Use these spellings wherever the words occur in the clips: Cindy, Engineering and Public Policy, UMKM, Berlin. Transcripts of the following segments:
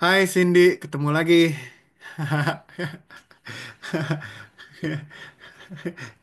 Hai Cindy, ketemu lagi.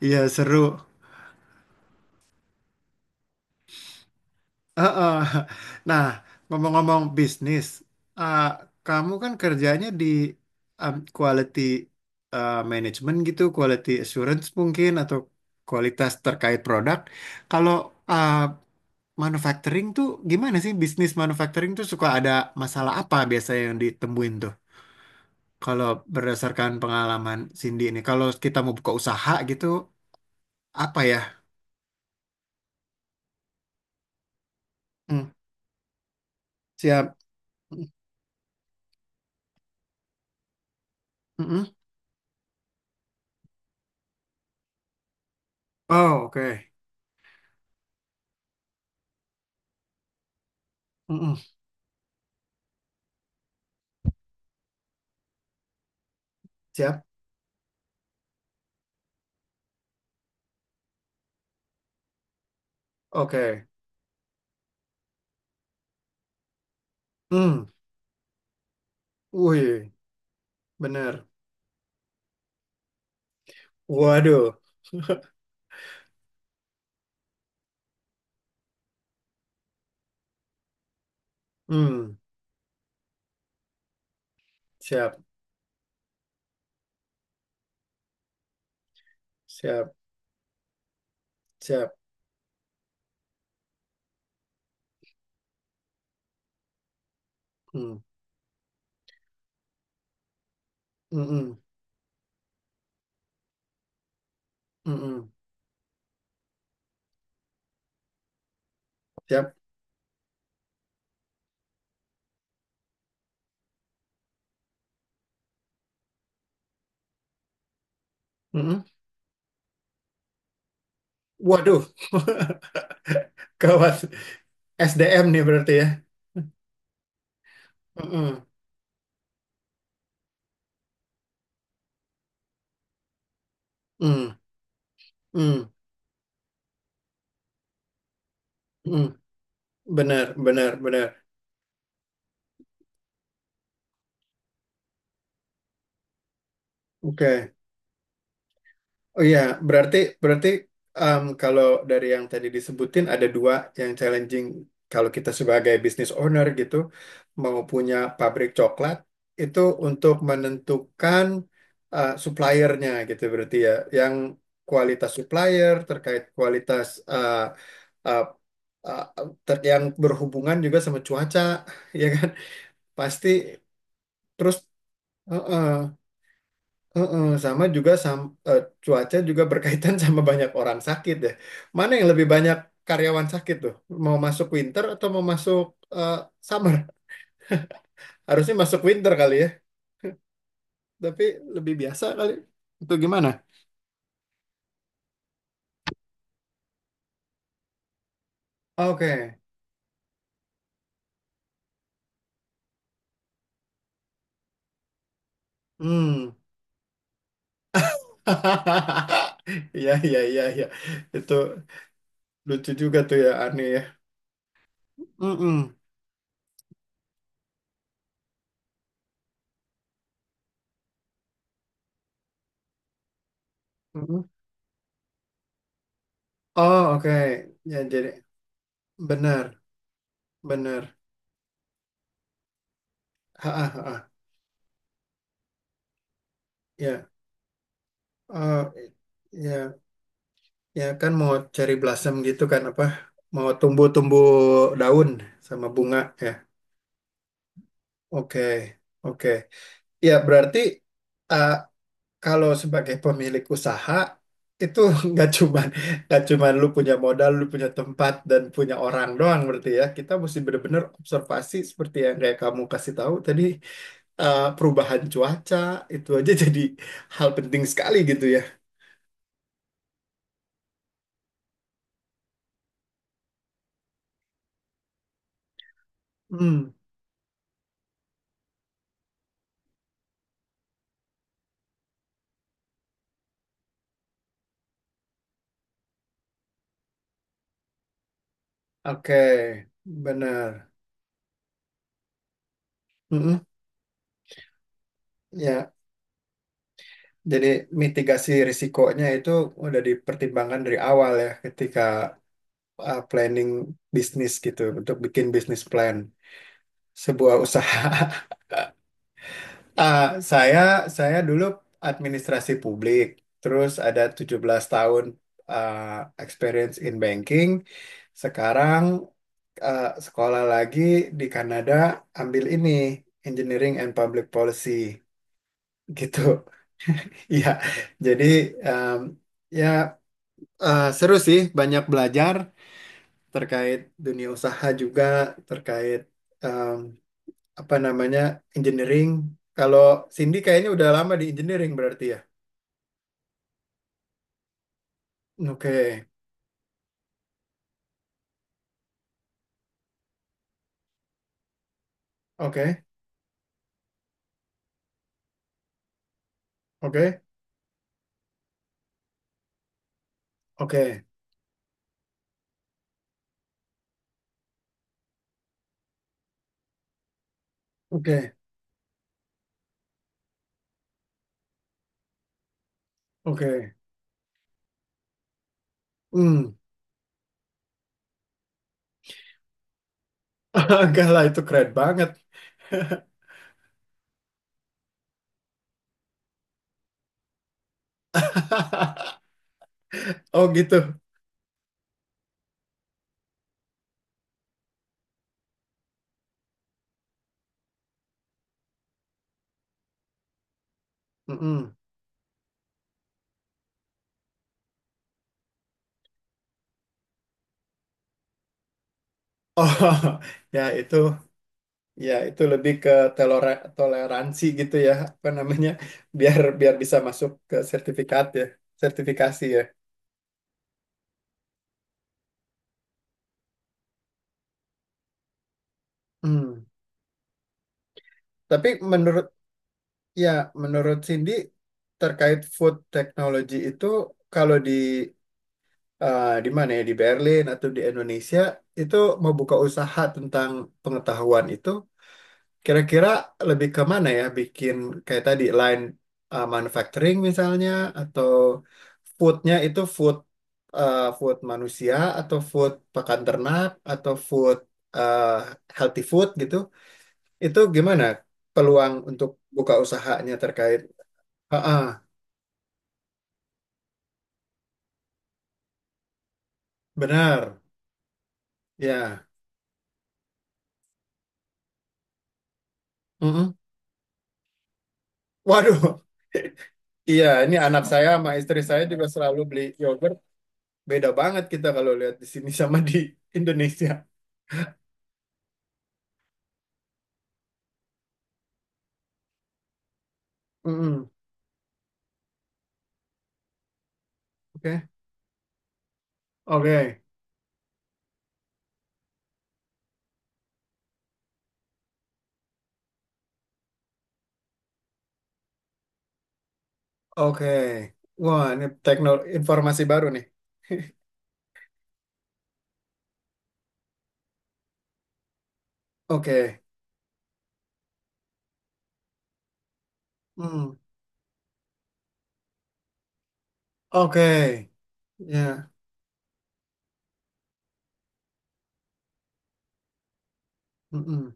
Iya, seru. Heeh. Nah, ngomong-ngomong bisnis, ah, kamu kan kerjanya di quality management gitu, quality assurance mungkin, atau kualitas terkait produk. Kalau ah, manufacturing tuh gimana sih, bisnis manufacturing tuh suka ada masalah apa biasanya yang ditemuin tuh? Kalau berdasarkan pengalaman Cindy ini, kalau kita mau buka usaha gitu, apa ya? Hmm. Siap. Mm-mm. Oh, oke. Mm-mm. Siap. Oke. Hmm. Wih, bener. Waduh. Hmm. Siap. Siap. Siap. Hmm. Mm-mm. Mm-mm. Siap. Mm-mm. Waduh. Gawat. SDM nih berarti ya. Mm-mm. Mm. Mm. Mm. Benar, benar, benar. Oke. Oh iya, berarti berarti kalau dari yang tadi disebutin ada dua yang challenging, kalau kita sebagai business owner gitu mau punya pabrik coklat, itu untuk menentukan suppliernya gitu, berarti ya, yang kualitas supplier terkait kualitas, eh, eh, eh, yang berhubungan juga sama cuaca, ya kan, pasti, terus eh, eh, Heeh, sama juga cuaca juga berkaitan, sama banyak orang sakit ya. Mana yang lebih banyak karyawan sakit tuh? Mau masuk winter atau mau masuk eh, summer? Harusnya masuk winter kali ya, tapi lebih biasa kali. Itu gimana? Oke. Hmm. Iya, iya, iya, iya. Itu lucu juga tuh ya, aneh ya. Mm-mm. Mm-mm. Oh, oke. Ya, jadi benar, benar. Ha, ha, ha, ha. Ya. Oh, ya. Ya kan, mau cherry blossom gitu kan, apa? Mau tumbuh-tumbuh daun sama bunga ya. Oke, oke. Ya berarti, eh, kalau sebagai pemilik usaha itu, nggak cuman nggak cuman lu punya modal, lu punya tempat dan punya orang doang, berarti ya. Kita mesti benar-benar observasi seperti yang kayak kamu kasih tahu tadi, perubahan cuaca itu aja, jadi hal penting sekali gitu ya. Hmm, oke, benar. Mm-mm. Ya. Jadi mitigasi risikonya itu udah dipertimbangkan dari awal ya, ketika planning bisnis gitu untuk bikin bisnis plan sebuah usaha. Ah, saya saya dulu administrasi publik, terus ada 17 tahun ah, experience in banking. Sekarang sekolah lagi di Kanada, ambil ini Engineering and Public Policy gitu. Iya. Jadi em, ya, seru sih, banyak belajar terkait dunia usaha juga, terkait em, apa namanya engineering. Kalau Cindy kayaknya udah lama di engineering berarti ya. Oke, oke, oke, oke, oke, oke. Hmm, enggak lah, itu keren banget. Oh gitu. Mm-mm. Oh, ya itu. Ya, itu lebih ke toleransi gitu ya, apa namanya, biar biar bisa masuk ke sertifikat ya, sertifikasi ya. Hmm. Tapi ya, menurut Cindy terkait food technology itu, kalau di mana ya, di Berlin atau di Indonesia, itu mau buka usaha tentang pengetahuan itu. Kira-kira lebih ke mana ya? Bikin kayak tadi, line manufacturing misalnya, atau foodnya itu, food food manusia, atau food pakan ternak, atau food uh, healthy food gitu. Itu gimana peluang untuk buka usahanya terkait? Ha, benar. Ya. Mm-mm. Waduh. Iya, ini anak saya sama istri saya juga selalu beli yogurt. Beda banget kita kalau lihat di sini sama di Indonesia. Mm-mm. Oke. Oke, oke. Wah, ini teknologi informasi baru nih. Oke. Hmm. Oke. Ya. Mm-mm.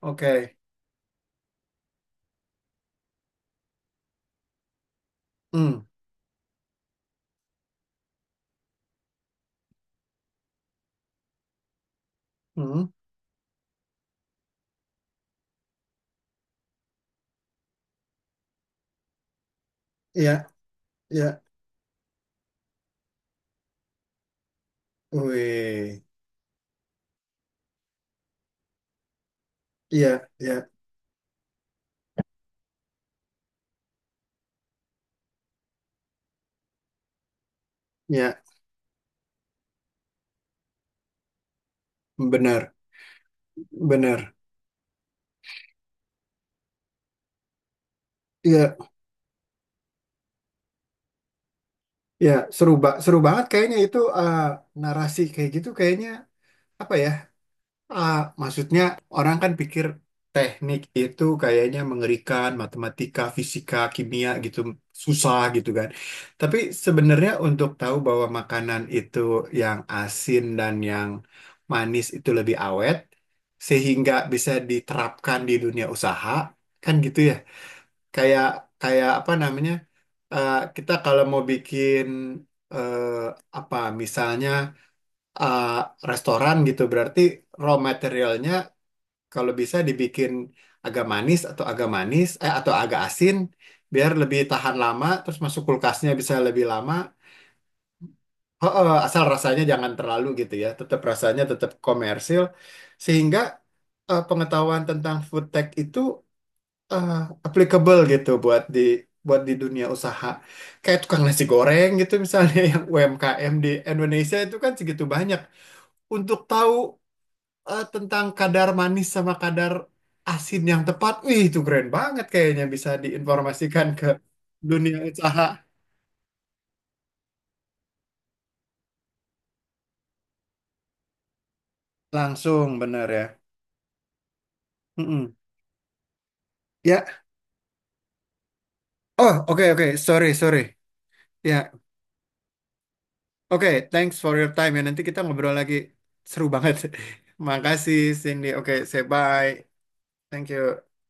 Oke. Hmm. Hmm. Ya, ya. Wih. Iya, ya, ya. Benar. Benar. Iya, ya. Seru, seru banget kayaknya itu, narasi kayak gitu kayaknya, apa ya? Ah, maksudnya, orang kan pikir teknik itu kayaknya mengerikan, matematika, fisika, kimia gitu, susah gitu kan. Tapi sebenarnya untuk tahu bahwa makanan itu yang asin dan yang manis itu lebih awet, sehingga bisa diterapkan di dunia usaha, kan gitu ya. Kayak kayak apa namanya? Kita kalau mau bikin eh, apa, misalnya eh, restoran gitu, berarti raw materialnya kalau bisa dibikin agak manis, atau agak manis eh atau agak asin, biar lebih tahan lama, terus masuk kulkasnya bisa lebih lama. Oh, oh, asal rasanya jangan terlalu gitu ya, tetap rasanya tetap komersil, sehingga pengetahuan tentang food tech itu eh, applicable gitu buat di, dunia usaha, kayak tukang nasi goreng gitu misalnya, yang UMKM di Indonesia itu kan segitu banyak, untuk tahu tentang kadar manis sama kadar asin yang tepat. Wih, itu keren banget, kayaknya bisa diinformasikan ke dunia usaha langsung, bener ya. Mm-mm. Ya, oh, oke, oke, sorry, sorry. Ya, oke, thanks for your time ya. Nanti kita ngobrol lagi. Seru banget. Makasih Cindy. Oke, say bye. Thank you.